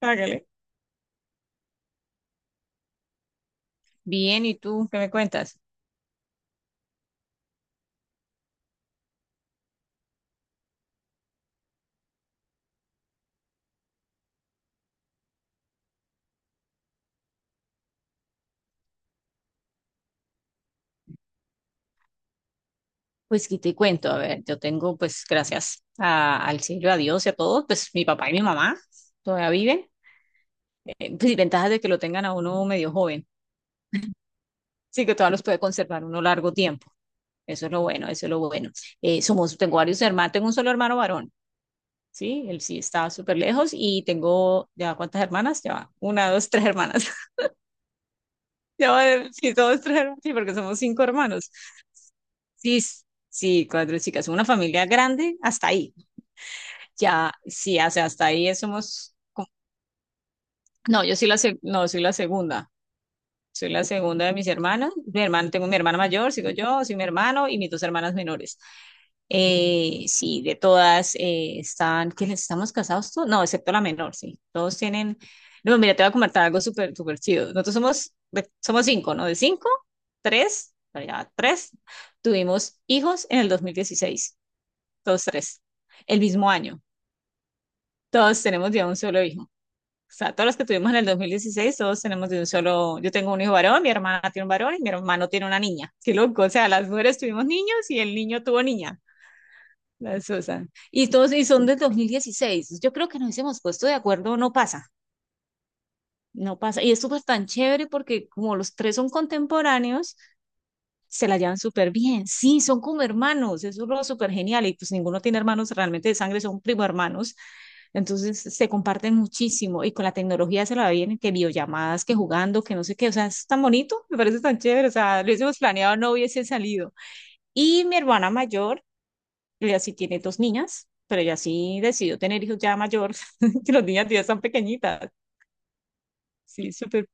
Hágale. Bien, ¿y tú qué me cuentas? Pues qué te cuento, a ver, yo tengo, pues, gracias al cielo, a Dios y a todos, pues mi papá y mi mamá todavía viven. Pues y ventajas de que lo tengan a uno medio joven, sí, que todavía los puede conservar uno largo tiempo. Eso es lo bueno, eso es lo bueno. Tengo varios hermanos, tengo un solo hermano varón. Sí, él sí está súper lejos. Y tengo, ¿ya cuántas hermanas? Ya, va, una, dos, tres hermanas. Ya, va, sí, dos, tres hermanas, sí, porque somos cinco hermanos. sí, s- sí, cuatro chicas, una familia grande hasta ahí. Ya, sí, o sea, hasta ahí somos. No, yo soy la, no, soy la segunda. Soy la segunda de mis hermanas. Mi hermano, tengo mi hermana mayor, sigo yo, soy mi hermano y mis dos hermanas menores. Sí, de todas, están, que les estamos casados todos? No, excepto la menor, sí. Todos tienen. No, mira, te voy a comentar algo súper, súper chido. Nosotros somos, somos cinco, ¿no? De cinco, tres, no, ya, tres. Tuvimos hijos en el 2016, todos tres, el mismo año. Todos tenemos ya un solo hijo. O sea, todos los que tuvimos en el 2016, todos tenemos de un solo. Yo tengo un hijo varón, mi hermana tiene un varón y mi hermano tiene una niña. Qué loco, o sea, las mujeres tuvimos niños y el niño tuvo niña, la Susan. Y todos, y son del 2016. Yo creo que nos hemos puesto de acuerdo, no pasa, no pasa. Y es súper tan chévere, porque como los tres son contemporáneos, se la llevan súper bien. Sí, son como hermanos, eso es lo súper genial. Y pues ninguno tiene hermanos realmente de sangre, son primo hermanos. Entonces se comparten muchísimo y, con la tecnología, se la vienen que videollamadas, que jugando, que no sé qué. O sea, es tan bonito, me parece tan chévere. O sea, lo hubiésemos planeado, no hubiese salido. Y mi hermana mayor, ella sí tiene dos niñas, pero ella sí decidió tener hijos ya mayor. Que las niñas ya están pequeñitas. Sí, súper.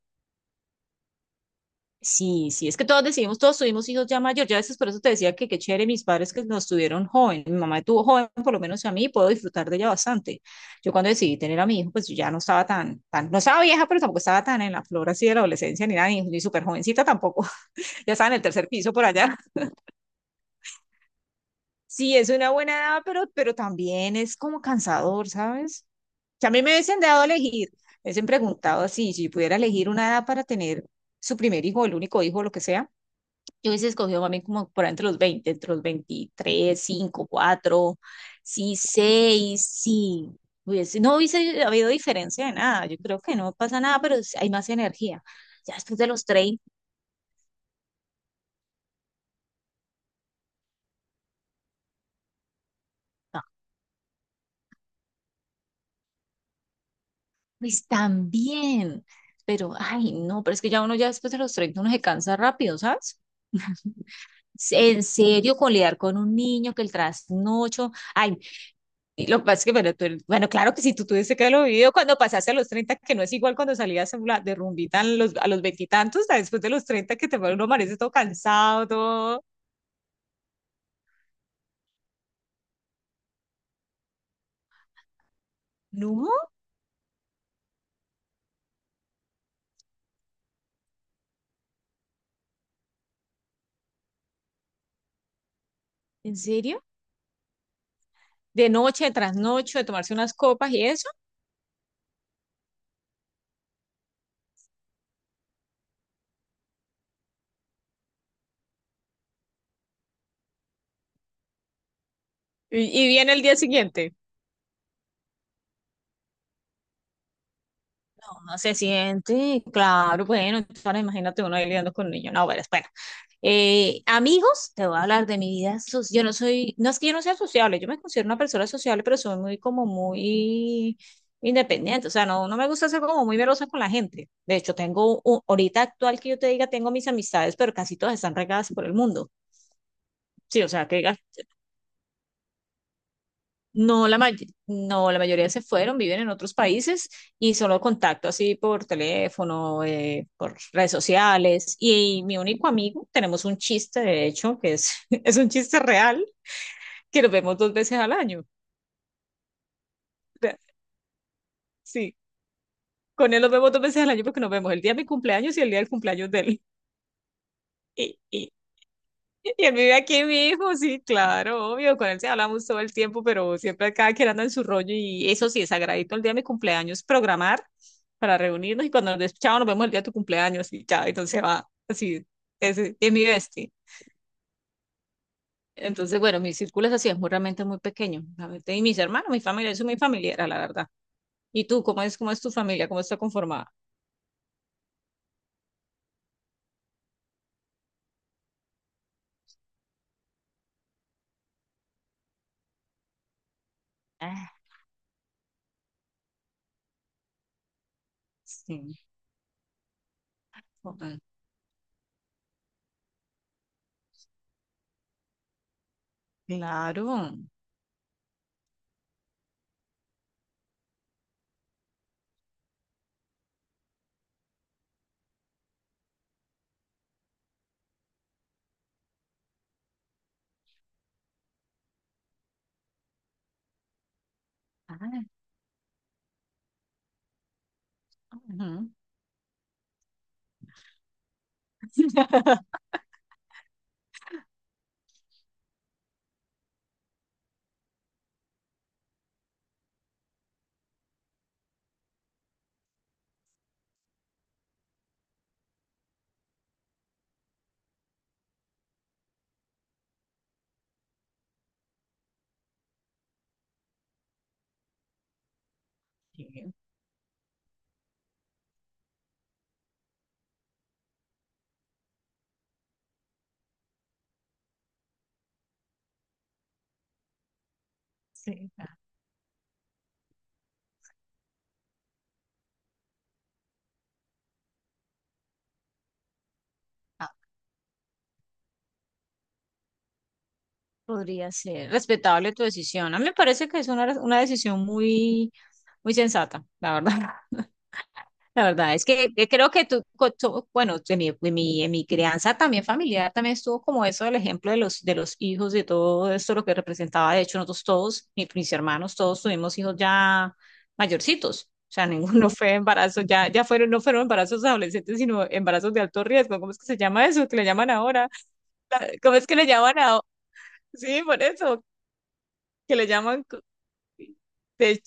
Sí, sí, es que todos decidimos, todos tuvimos hijos ya mayor. Ya, a veces por eso te decía que qué chévere mis padres que nos tuvieron joven. Mi mamá tuvo joven, por lo menos a mí, puedo disfrutar de ella bastante. Yo, cuando decidí tener a mi hijo, pues yo ya no estaba tan, no estaba vieja, pero tampoco estaba tan en la flor así de la adolescencia, ni nada, ni, ni súper jovencita tampoco. Ya estaba en el tercer piso por allá. Sí, es una buena edad, pero también es como cansador, ¿sabes? Que a mí me hubiesen dado a elegir, me hubiesen preguntado así, si yo pudiera elegir una edad para tener su primer hijo, el único hijo, lo que sea. Yo hubiese escogido, mami, como por ahí entre los veinte, entre los veintitrés, cinco, cuatro, sí, seis, sí. Hubiese, no hubiese habido diferencia de nada. Yo creo que no pasa nada, pero sí hay más energía. Ya después de los treinta, no, pues también. Pero, ay, no, pero es que ya uno, ya después de los 30 uno se cansa rápido, ¿sabes? En serio, con lidiar con un niño, que el trasnocho. Ay. Y lo que pasa es que, bueno, bueno, claro que si tú tuviste que haberlo vivido cuando pasaste a los treinta, que no es igual cuando salías a la- de rumbita a los veintitantos, a después de los 30 que te, uno amanece todo cansado, todo. ¿No? ¿En serio? De noche, de trasnocho, de tomarse unas copas y eso. Y viene el día siguiente. Ah, se siente, claro. Bueno, ahora imagínate uno ahí lidiando con niños. No, bueno, espera. Amigos, te voy a hablar de mi vida. Yo no soy, no es que yo no sea sociable, yo me considero una persona sociable, pero soy muy, como muy independiente. O sea, no, no me gusta ser como muy merosa con la gente. De hecho, tengo, ahorita actual, que yo te diga, tengo mis amistades, pero casi todas están regadas por el mundo. Sí, o sea, que digas. No, no, la mayoría se fueron, viven en otros países, y solo contacto así por teléfono, por redes sociales. Y mi único amigo, tenemos un chiste, de hecho, que es, es un chiste real, que nos vemos dos veces al año. O sea, sí, con él nos vemos dos veces al año porque nos vemos el día de mi cumpleaños y el día del cumpleaños de él. Y él vive aquí mismo, sí, claro, obvio, con él se hablamos todo el tiempo, pero siempre cada quien anda en su rollo. Y eso sí, es sagradito el día de mi cumpleaños, programar para reunirnos, y cuando nos des, chao, nos vemos el día de tu cumpleaños y chao. Entonces va, así, ese es mi bestia. Entonces, bueno, mi círculo es así, es muy, realmente muy pequeño, realmente. Y mis hermanos, mi familia, eso es muy familiar, la verdad. ¿Y tú, cómo es tu familia, cómo está conformada? Ah, sí, ah, claro. Ah, ujú. Sí, sí. Podría ser respetable tu decisión. A mí me parece que es una decisión muy, muy sensata, la verdad. La verdad es que creo que tú, bueno, en mi crianza también familiar también estuvo como eso del ejemplo de los hijos, de todo esto, lo que representaba. De hecho, nosotros todos, mis hermanos, todos tuvimos hijos ya mayorcitos. O sea, ninguno fue embarazo, ya, ya fueron, no fueron embarazos adolescentes, sino embarazos de alto riesgo. ¿Cómo es que se llama eso, que le llaman ahora? ¿Cómo es que le llaman ahora? Sí, por eso que le llaman. De-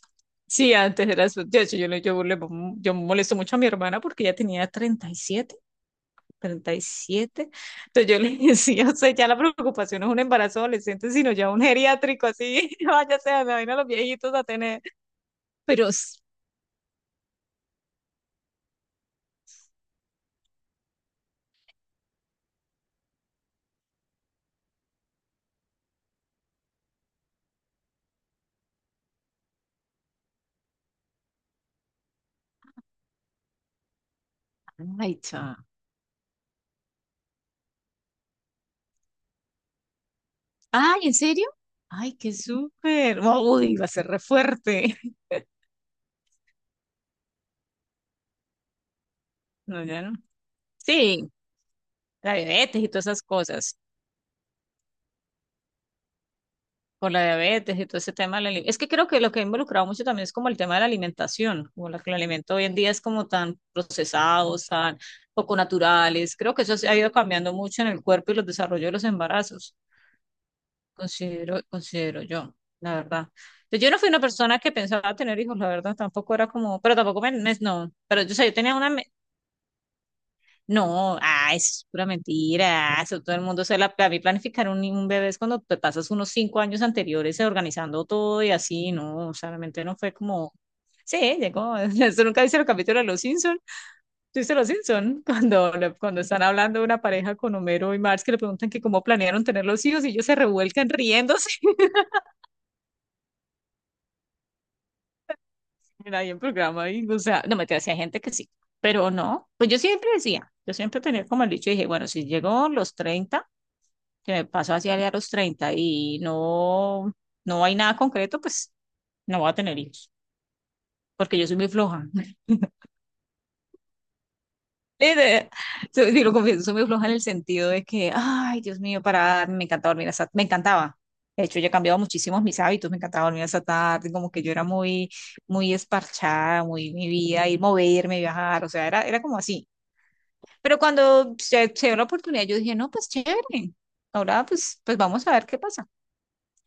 sí, antes era azul. De hecho, yo molesto mucho a mi hermana porque ella tenía treinta y siete, 37. Entonces yo le decía, o sea, ya la preocupación no es un embarazo adolescente, sino ya un geriátrico así. Vaya, sea, me vayan a los viejitos a tener. Pero, ay, cha. Ay, ¿en serio? Ay, qué súper. Uy, va a ser re fuerte. No, ya no. Sí, la diabetes y todas esas cosas. Por la diabetes y todo ese tema de la ali- es que creo que lo que ha involucrado mucho también es como el tema de la alimentación, como la, que el alimento hoy en día es como tan procesados, tan poco naturales. Creo que eso se ha ido cambiando mucho en el cuerpo y los desarrollos de los embarazos, considero, considero yo, la verdad. Pues yo no fui una persona que pensaba tener hijos, la verdad, tampoco era como, pero tampoco me, no, pero yo, o sea, yo tenía una, no. Ah, eso es pura mentira. Eso todo el mundo se la. A mí, planificar un, bebé es cuando te pasas unos cinco años anteriores organizando todo y así, no, o sea, realmente no fue como. Sí, llegó. Eso nunca dice el capítulo de Los Simpson. ¿Tú viste Los Simpson? Cuando, cuando están hablando de una pareja con Homero y Marx, que le preguntan que cómo planearon tener los hijos y ellos se revuelcan riéndose en ahí, en programa. Y, o sea, no me te hacía gente que sí, pero no. Pues yo siempre decía, yo siempre tenía como el dicho, dije, bueno, si llegó los treinta, que me paso hacia a los 30 y no, no hay nada concreto, pues no voy a tener hijos, porque yo soy muy floja. Sí, lo confieso, soy muy floja en el sentido de que, ay, Dios mío, para, darme, me encantaba dormir hasta, me encantaba. De hecho, yo he cambiado muchísimos mis hábitos, me encantaba dormir hasta tarde, como que yo era muy, muy esparchada, muy mi vida, ir moverme, viajar, o sea, era, como así. Pero cuando se dio la oportunidad, yo dije, no, pues chévere, ahora pues, pues vamos a ver qué pasa.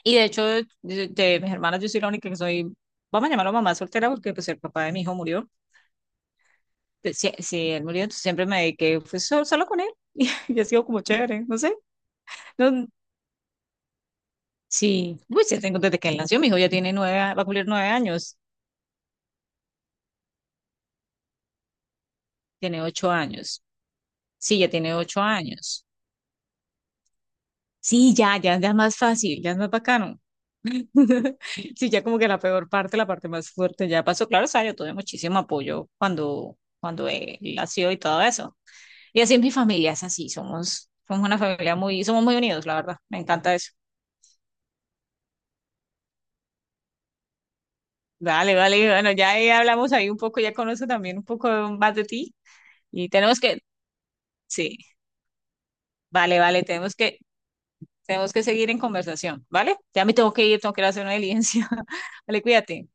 Y de hecho, de mis hermanas, yo soy la única que soy, vamos a llamarlo mamá soltera, porque pues el papá de mi hijo murió. Pues, sí, sí, él murió, entonces siempre me dediqué pues, solo, con él. Y ha sido como chévere, no sé. No, sí, pues ya tengo desde que él nació, mi hijo ya tiene nueve, va a cumplir 9 años, tiene 8 años. Sí, ya tiene 8 años. Sí, ya, ya, ya es más fácil, ya es más bacano. Sí, ya como que la peor parte, la parte más fuerte ya pasó. Claro, o sea, yo tuve muchísimo apoyo cuando, él nació, y todo eso. Y así es mi familia, es así, somos, somos una familia muy, somos muy unidos, la verdad, me encanta eso. Vale, vale, bueno, ya ahí hablamos ahí un poco, ya conozco también un poco más de ti, y tenemos que, sí, vale, vale, tenemos que seguir en conversación, ¿vale? Ya me tengo que ir a hacer una diligencia. Vale, cuídate.